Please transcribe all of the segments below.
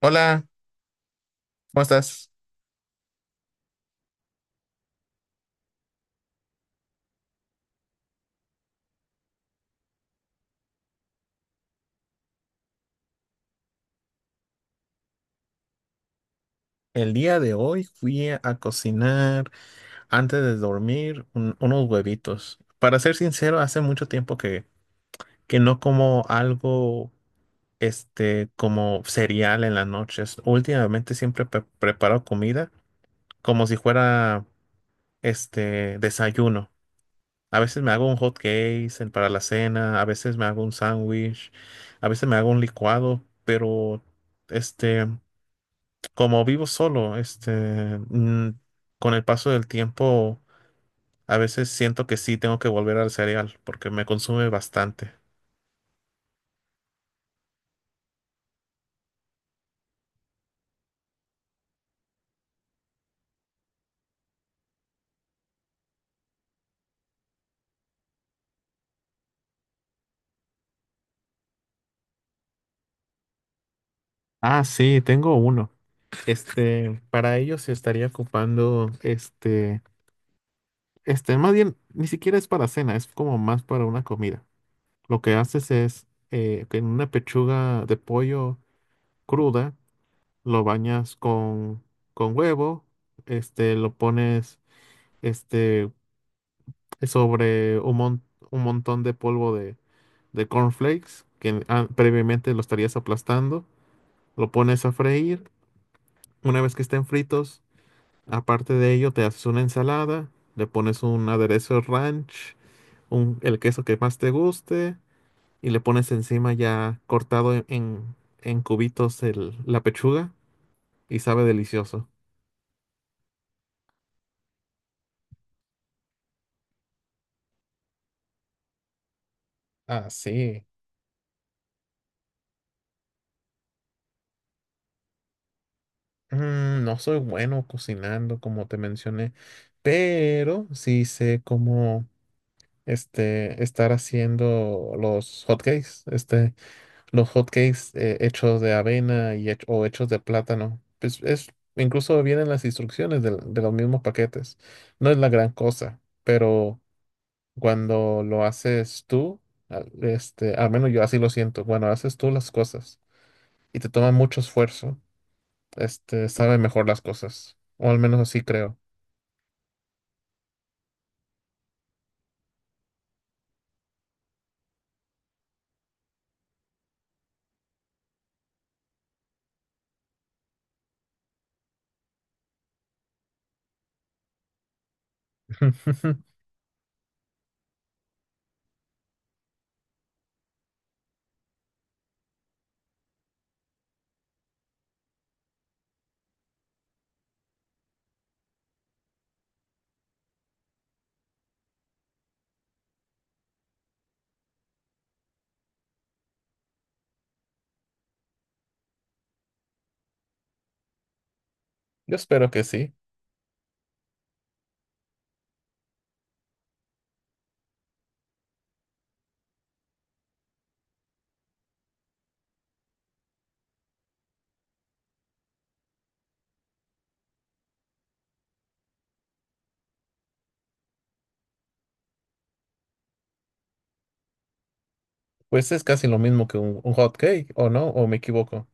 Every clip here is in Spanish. Hola, ¿cómo estás? El día de hoy fui a cocinar antes de dormir unos huevitos. Para ser sincero, hace mucho tiempo que no como algo como cereal en las noches. Últimamente siempre preparo comida como si fuera desayuno. A veces me hago un hot cake para la cena, a veces me hago un sándwich, a veces me hago un licuado, pero este. como vivo solo, con el paso del tiempo, a veces siento que sí tengo que volver al cereal porque me consume bastante. Ah, sí, tengo uno. Para ello se estaría ocupando, más bien, ni siquiera es para cena, es como más para una comida. Lo que haces es, que en una pechuga de pollo cruda, lo bañas con huevo, lo pones, este, sobre un, un montón de polvo de cornflakes que ah, previamente lo estarías aplastando. Lo pones a freír. Una vez que estén fritos, aparte de ello, te haces una ensalada, le pones un aderezo ranch, un, el queso que más te guste y le pones encima ya cortado en, en cubitos la pechuga y sabe delicioso. Ah, sí. Mm, no soy bueno cocinando, como te mencioné, pero sí sé cómo estar haciendo los hotcakes, los hotcakes hechos de avena y o hechos de plátano. Pues es, incluso vienen las instrucciones de, los mismos paquetes. No es la gran cosa, pero cuando lo haces tú, al menos yo así lo siento, cuando haces tú las cosas y te toma mucho esfuerzo, sabe mejor las cosas, o al menos así creo. Yo espero que sí. Pues es casi lo mismo que un hot cake, ¿o no? ¿O me equivoco?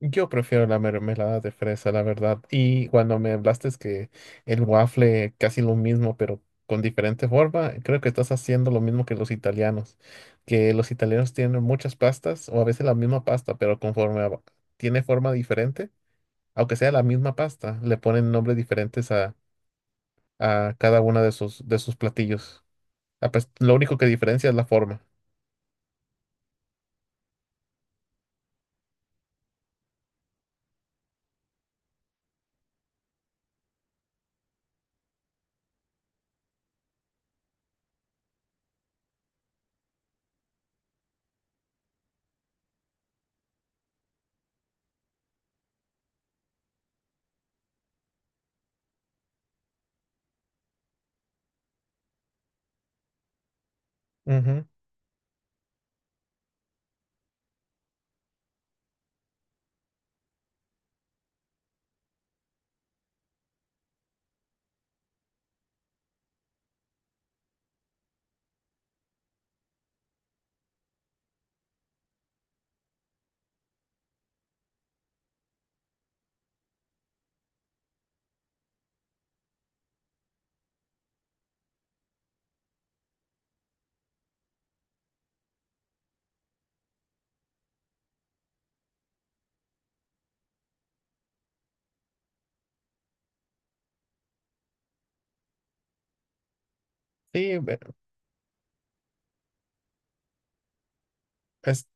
Yo prefiero la mermelada de fresa, la verdad. Y cuando me hablaste es que el waffle casi lo mismo, pero con diferente forma, creo que estás haciendo lo mismo que los italianos tienen muchas pastas o a veces la misma pasta, pero tiene forma diferente, aunque sea la misma pasta, le ponen nombres diferentes a cada una de sus platillos. Ah, pues, lo único que diferencia es la forma. Ujú. Sí, ve- es-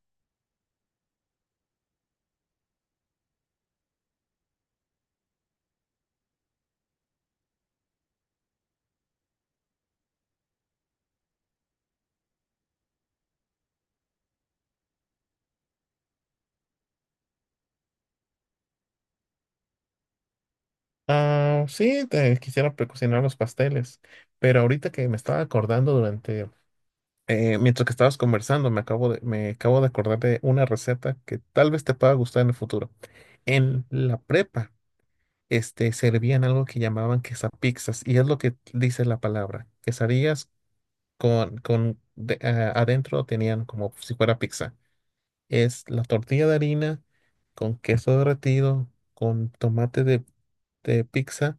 Ah, sí, quisiera precocinar los pasteles, pero ahorita que me estaba acordando durante, mientras que estabas conversando, me acabo de acordar de una receta que tal vez te pueda gustar en el futuro. En la prepa, servían algo que llamaban quesapizzas, y es lo que dice la palabra, quesadillas con, ah, adentro tenían como si fuera pizza. Es la tortilla de harina con queso derretido, con tomate de pizza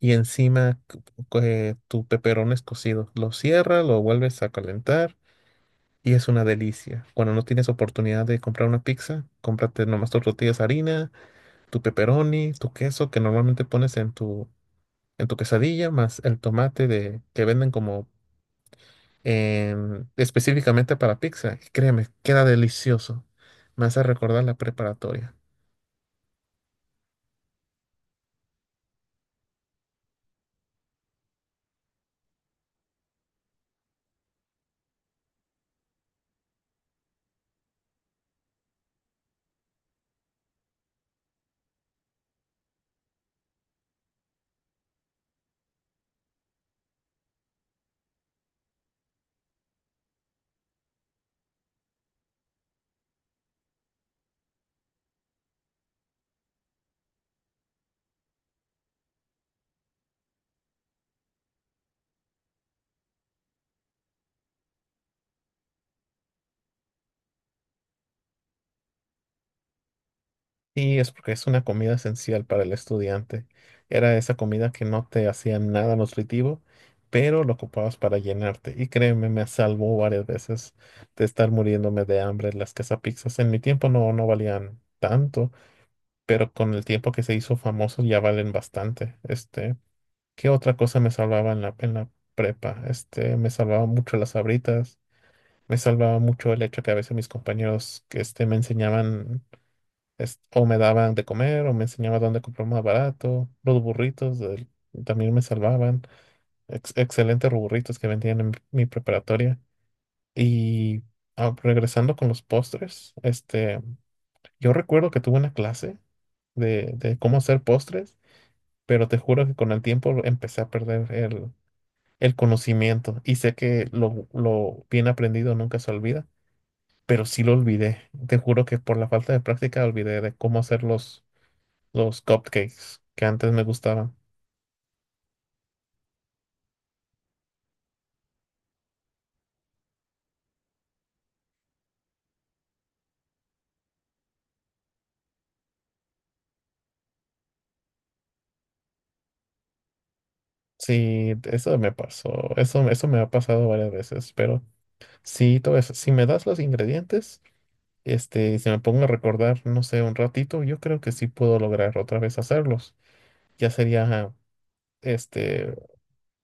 y encima tu peperón es cocido. Lo cierras, lo vuelves a calentar y es una delicia. Cuando no tienes oportunidad de comprar una pizza, cómprate nomás tus tortillas de harina, tu pepperoni, tu queso que normalmente pones en tu quesadilla, más el tomate de, que venden como específicamente para pizza. Y créeme, queda delicioso. Me hace recordar la preparatoria. Sí, es porque es una comida esencial para el estudiante. Era esa comida que no te hacía nada nutritivo, pero lo ocupabas para llenarte. Y créeme, me salvó varias veces de estar muriéndome de hambre. Las quesapizzas en mi tiempo no valían tanto, pero con el tiempo que se hizo famoso ya valen bastante. ¿Qué otra cosa me salvaba en la prepa? Me salvaba mucho las sabritas. Me salvaba mucho el hecho que a veces mis compañeros que me enseñaban o me daban de comer, o me enseñaban dónde comprar más barato. Los burritos también me salvaban. Excelentes burritos que vendían en mi preparatoria. Y ah, regresando con los postres, yo recuerdo que tuve una clase de cómo hacer postres, pero te juro que con el tiempo empecé a perder el conocimiento. Y sé que lo bien aprendido nunca se olvida, pero sí lo olvidé. Te juro que por la falta de práctica olvidé de cómo hacer los cupcakes que antes me gustaban. Sí, eso me pasó, eso me ha pasado varias veces, pero sí, todo eso, si me das los ingredientes, si me pongo a recordar, no sé, un ratito, yo creo que sí puedo lograr otra vez hacerlos. Ya sería, este,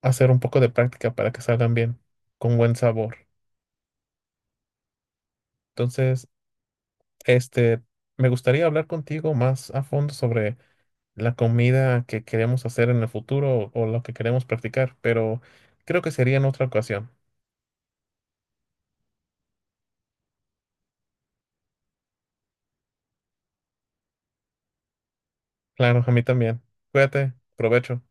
hacer un poco de práctica para que salgan bien, con buen sabor. Entonces, este, me gustaría hablar contigo más a fondo sobre la comida que queremos hacer en el futuro o lo que queremos practicar, pero creo que sería en otra ocasión. Claro, a mí también. Cuídate, provecho.